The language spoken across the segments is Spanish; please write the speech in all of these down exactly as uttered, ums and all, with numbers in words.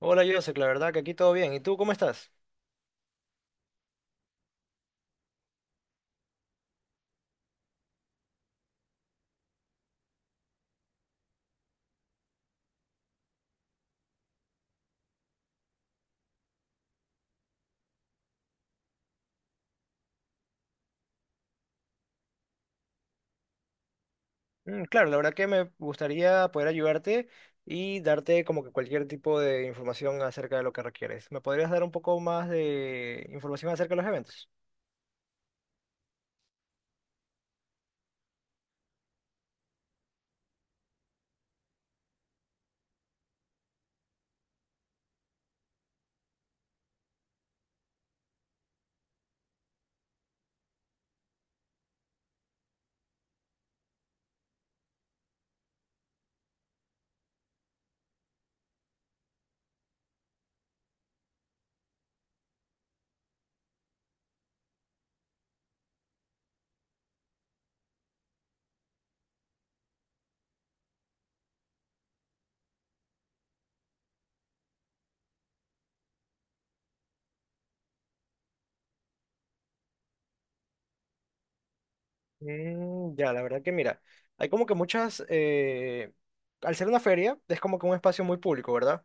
Hola, Joseph, la verdad que aquí todo bien. ¿Y tú cómo estás? Mm, claro, la verdad que me gustaría poder ayudarte y darte como que cualquier tipo de información acerca de lo que requieres. ¿Me podrías dar un poco más de información acerca de los eventos? Mm, ya, la verdad que mira, hay como que muchas, eh, al ser una feria, es como que un espacio muy público, ¿verdad?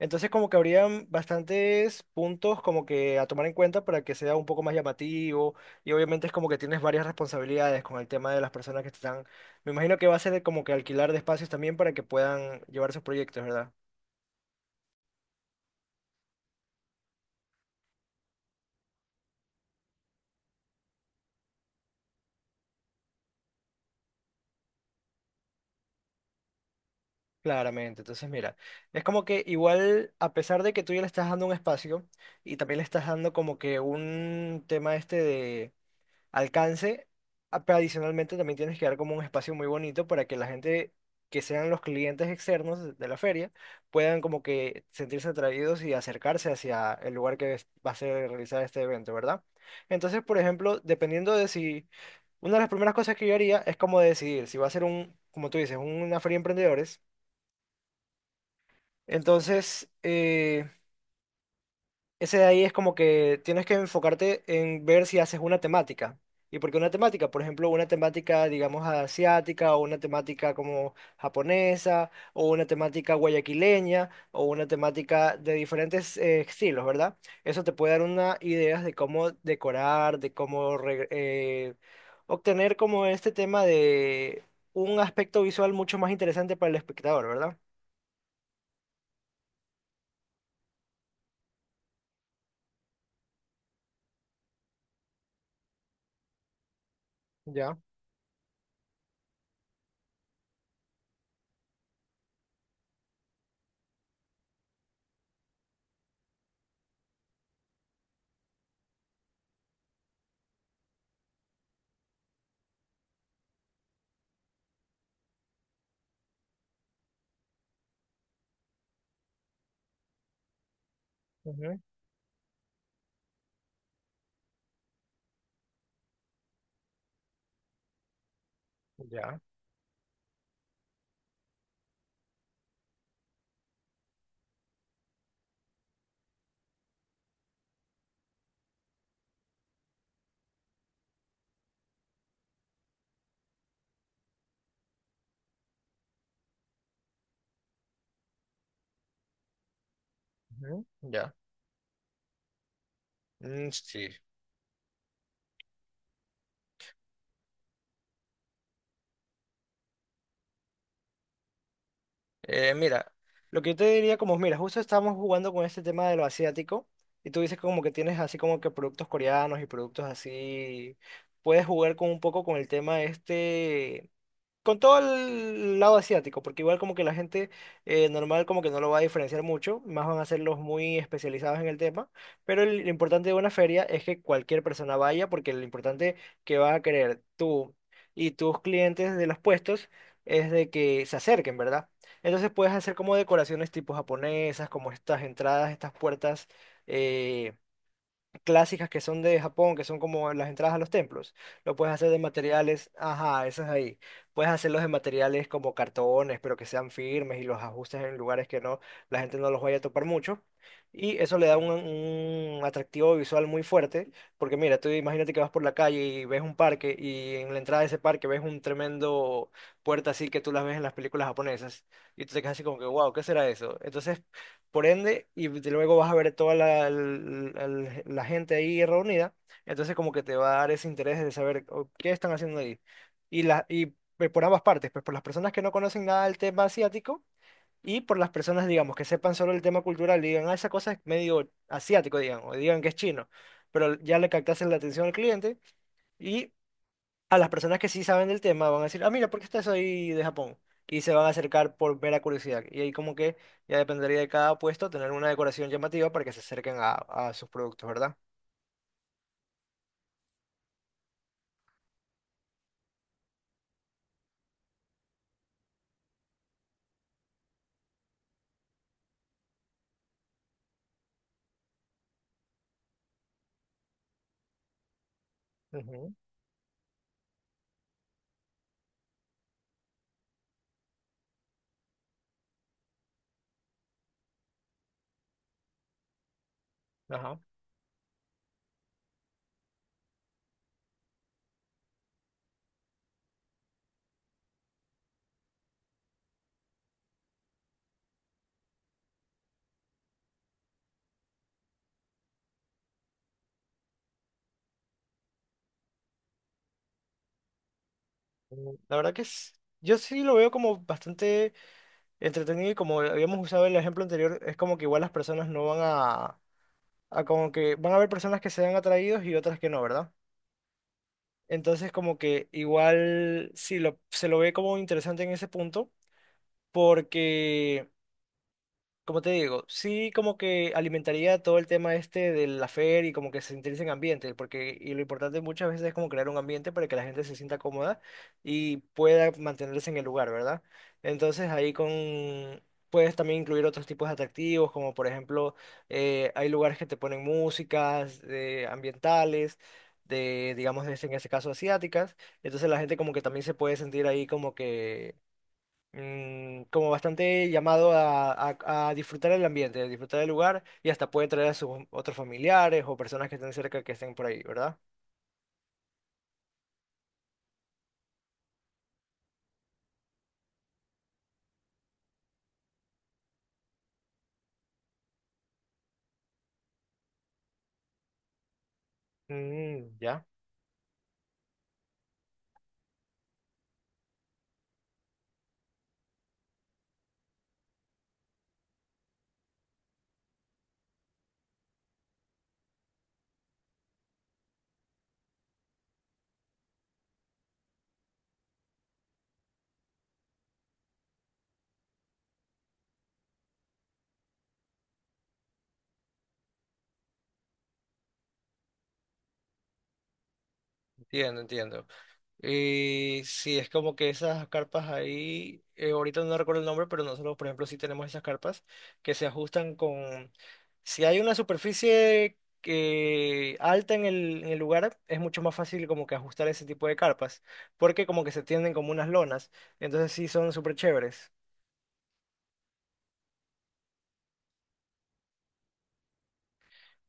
Entonces como que habrían bastantes puntos como que a tomar en cuenta para que sea un poco más llamativo y obviamente es como que tienes varias responsabilidades con el tema de las personas que te están... Me imagino que va a ser como que alquilar de espacios también para que puedan llevar sus proyectos, ¿verdad? Claramente, entonces mira, es como que igual a pesar de que tú ya le estás dando un espacio y también le estás dando como que un tema este alcance. a- Pero adicionalmente también tienes que dar como un espacio muy bonito para que la gente que sean los clientes externos de de la feria puedan como que sentirse atraídos y acercarse hacia el lugar que es- va a ser realizado este evento, ¿verdad? Entonces, por ejemplo, dependiendo de si... Una de las primeras cosas que yo haría es como decidir si va a ser un, como tú dices, una feria de emprendedores. Entonces, eh, ese de ahí es como que tienes que enfocarte en ver si haces una temática. ¿Y por qué una temática? Por ejemplo, una temática, digamos, asiática, o una temática como japonesa, o una temática guayaquileña, o una temática de diferentes eh, estilos, ¿verdad? Eso te puede dar una idea de cómo decorar, de cómo re- eh, obtener como este tema de un aspecto visual mucho más interesante para el espectador, ¿verdad? Ya, ujú, ya, ujú, ya. Mm, Sí. Eh, mira, lo que yo te diría como, mira, justo estamos jugando con este tema de lo asiático y tú dices como que tienes así como que productos coreanos y productos así, puedes jugar con un poco con el tema este con todo el lado asiático, porque igual como que la gente eh, normal como que no lo va a diferenciar mucho, más van a ser los muy especializados en el tema, pero el- lo importante de una feria es que cualquier persona vaya, porque lo importante que vas a querer tú y tus clientes de los puestos es de que se acerquen, ¿verdad? Entonces puedes hacer como decoraciones tipo japonesas, como estas entradas, estas puertas, eh, clásicas, que son de Japón, que son como las entradas a los templos. Lo puedes hacer de materiales, ajá, esas ahí. Puedes hacerlos de materiales como cartones, pero que sean firmes y los ajustes en lugares que no, la gente no los vaya a topar mucho. Y eso le da un, un atractivo visual muy fuerte, porque mira, tú imagínate que vas por la calle y ves un parque y en la entrada de ese parque ves un tremendo puerta así que tú las ves en las películas japonesas y tú te quedas así como que, wow, ¿qué será eso? Entonces por ende, y de- luego vas a ver toda la, l- l- la gente ahí reunida, entonces como que te va a dar ese interés de saber o, qué están haciendo ahí. Y, la, y Pues, por ambas partes, pues por las personas que no conocen nada del tema asiático y por las personas, digamos, que sepan solo el tema cultural y digan, ah, esa cosa es medio asiático, digan, o digan que es chino, pero ya le captasen la atención al cliente y a las personas que sí saben del tema van a decir, ah, mira, ¿por qué está eso ahí de Japón? Y se van a acercar por mera curiosidad. Y ahí como que ya dependería de cada puesto tener una decoración llamativa para que se acerquen a, a sus productos, ¿verdad? Ujú, ajá. Mm, La verdad que es- yo sí lo veo como bastante entretenido y como habíamos usado el ejemplo anterior, es como que igual las personas no van a, a como que van a haber personas que sean atraídos y otras que no, ¿verdad? Entonces como que igual sí lo, se lo ve como interesante en ese punto porque, como te digo, sí como que alimentaría todo el tema este de la feria y como que se interese en ambiente, porque y lo importante muchas veces es como crear un ambiente para que la gente se sienta cómoda y pueda mantenerse en el lugar, ¿verdad? Entonces ahí con puedes también incluir otros tipos de atractivos, como por ejemplo eh, hay lugares que te ponen músicas eh, ambientales, de digamos en este en este caso asiáticas, entonces la gente como que también se puede sentir ahí como que mm, como bastante llamado a, a- a disfrutar el ambiente, a disfrutar el lugar y hasta pueden traer a sus otros familiares o personas que estén cerca que estén por ahí, ¿verdad? Mm, ya, Entiendo, entiendo. Y sí, es como que esas carpas ahí, eh, ahorita no recuerdo el nombre, pero nosotros, por ejemplo, sí tenemos esas carpas que se ajustan con... Si hay una superficie que alta en el, en el lugar, es mucho más fácil como que ajustar ese tipo de carpas, porque como que se tienden como unas lonas, entonces sí son súper chéveres.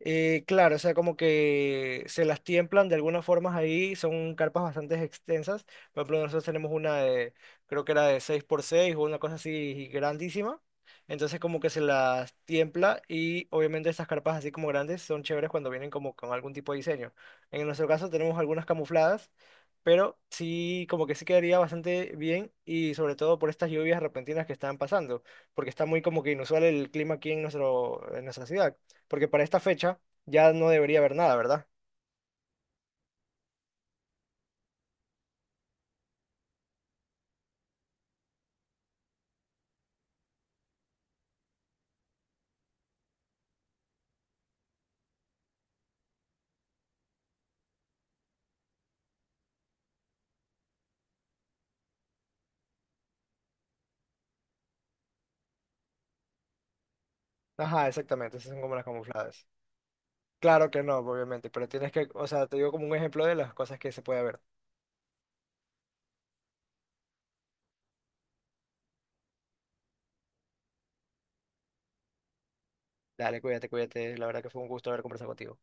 Eh, claro, o sea, como que se las tiemplan de algunas formas ahí, son carpas bastante extensas. Por ejemplo, nosotros tenemos una de, creo que era de seis por seis o una cosa así grandísima. Entonces como que se las tiempla y obviamente estas carpas así como grandes son chéveres cuando vienen como con algún tipo de diseño. En nuestro caso tenemos algunas camufladas, pero sí, como que sí quedaría bastante bien y sobre todo por estas lluvias repentinas que están pasando, porque está muy como que inusual el clima aquí en nuestro, en nuestra ciudad porque para esta fecha ya no debería haber nada, ¿verdad? Ajá, exactamente, esas son como las camufladas. Claro que no, obviamente, pero tienes que, o sea, te digo como un ejemplo de las cosas que se puede ver. Dale, cuídate, cuídate, la verdad que fue un gusto haber conversado contigo.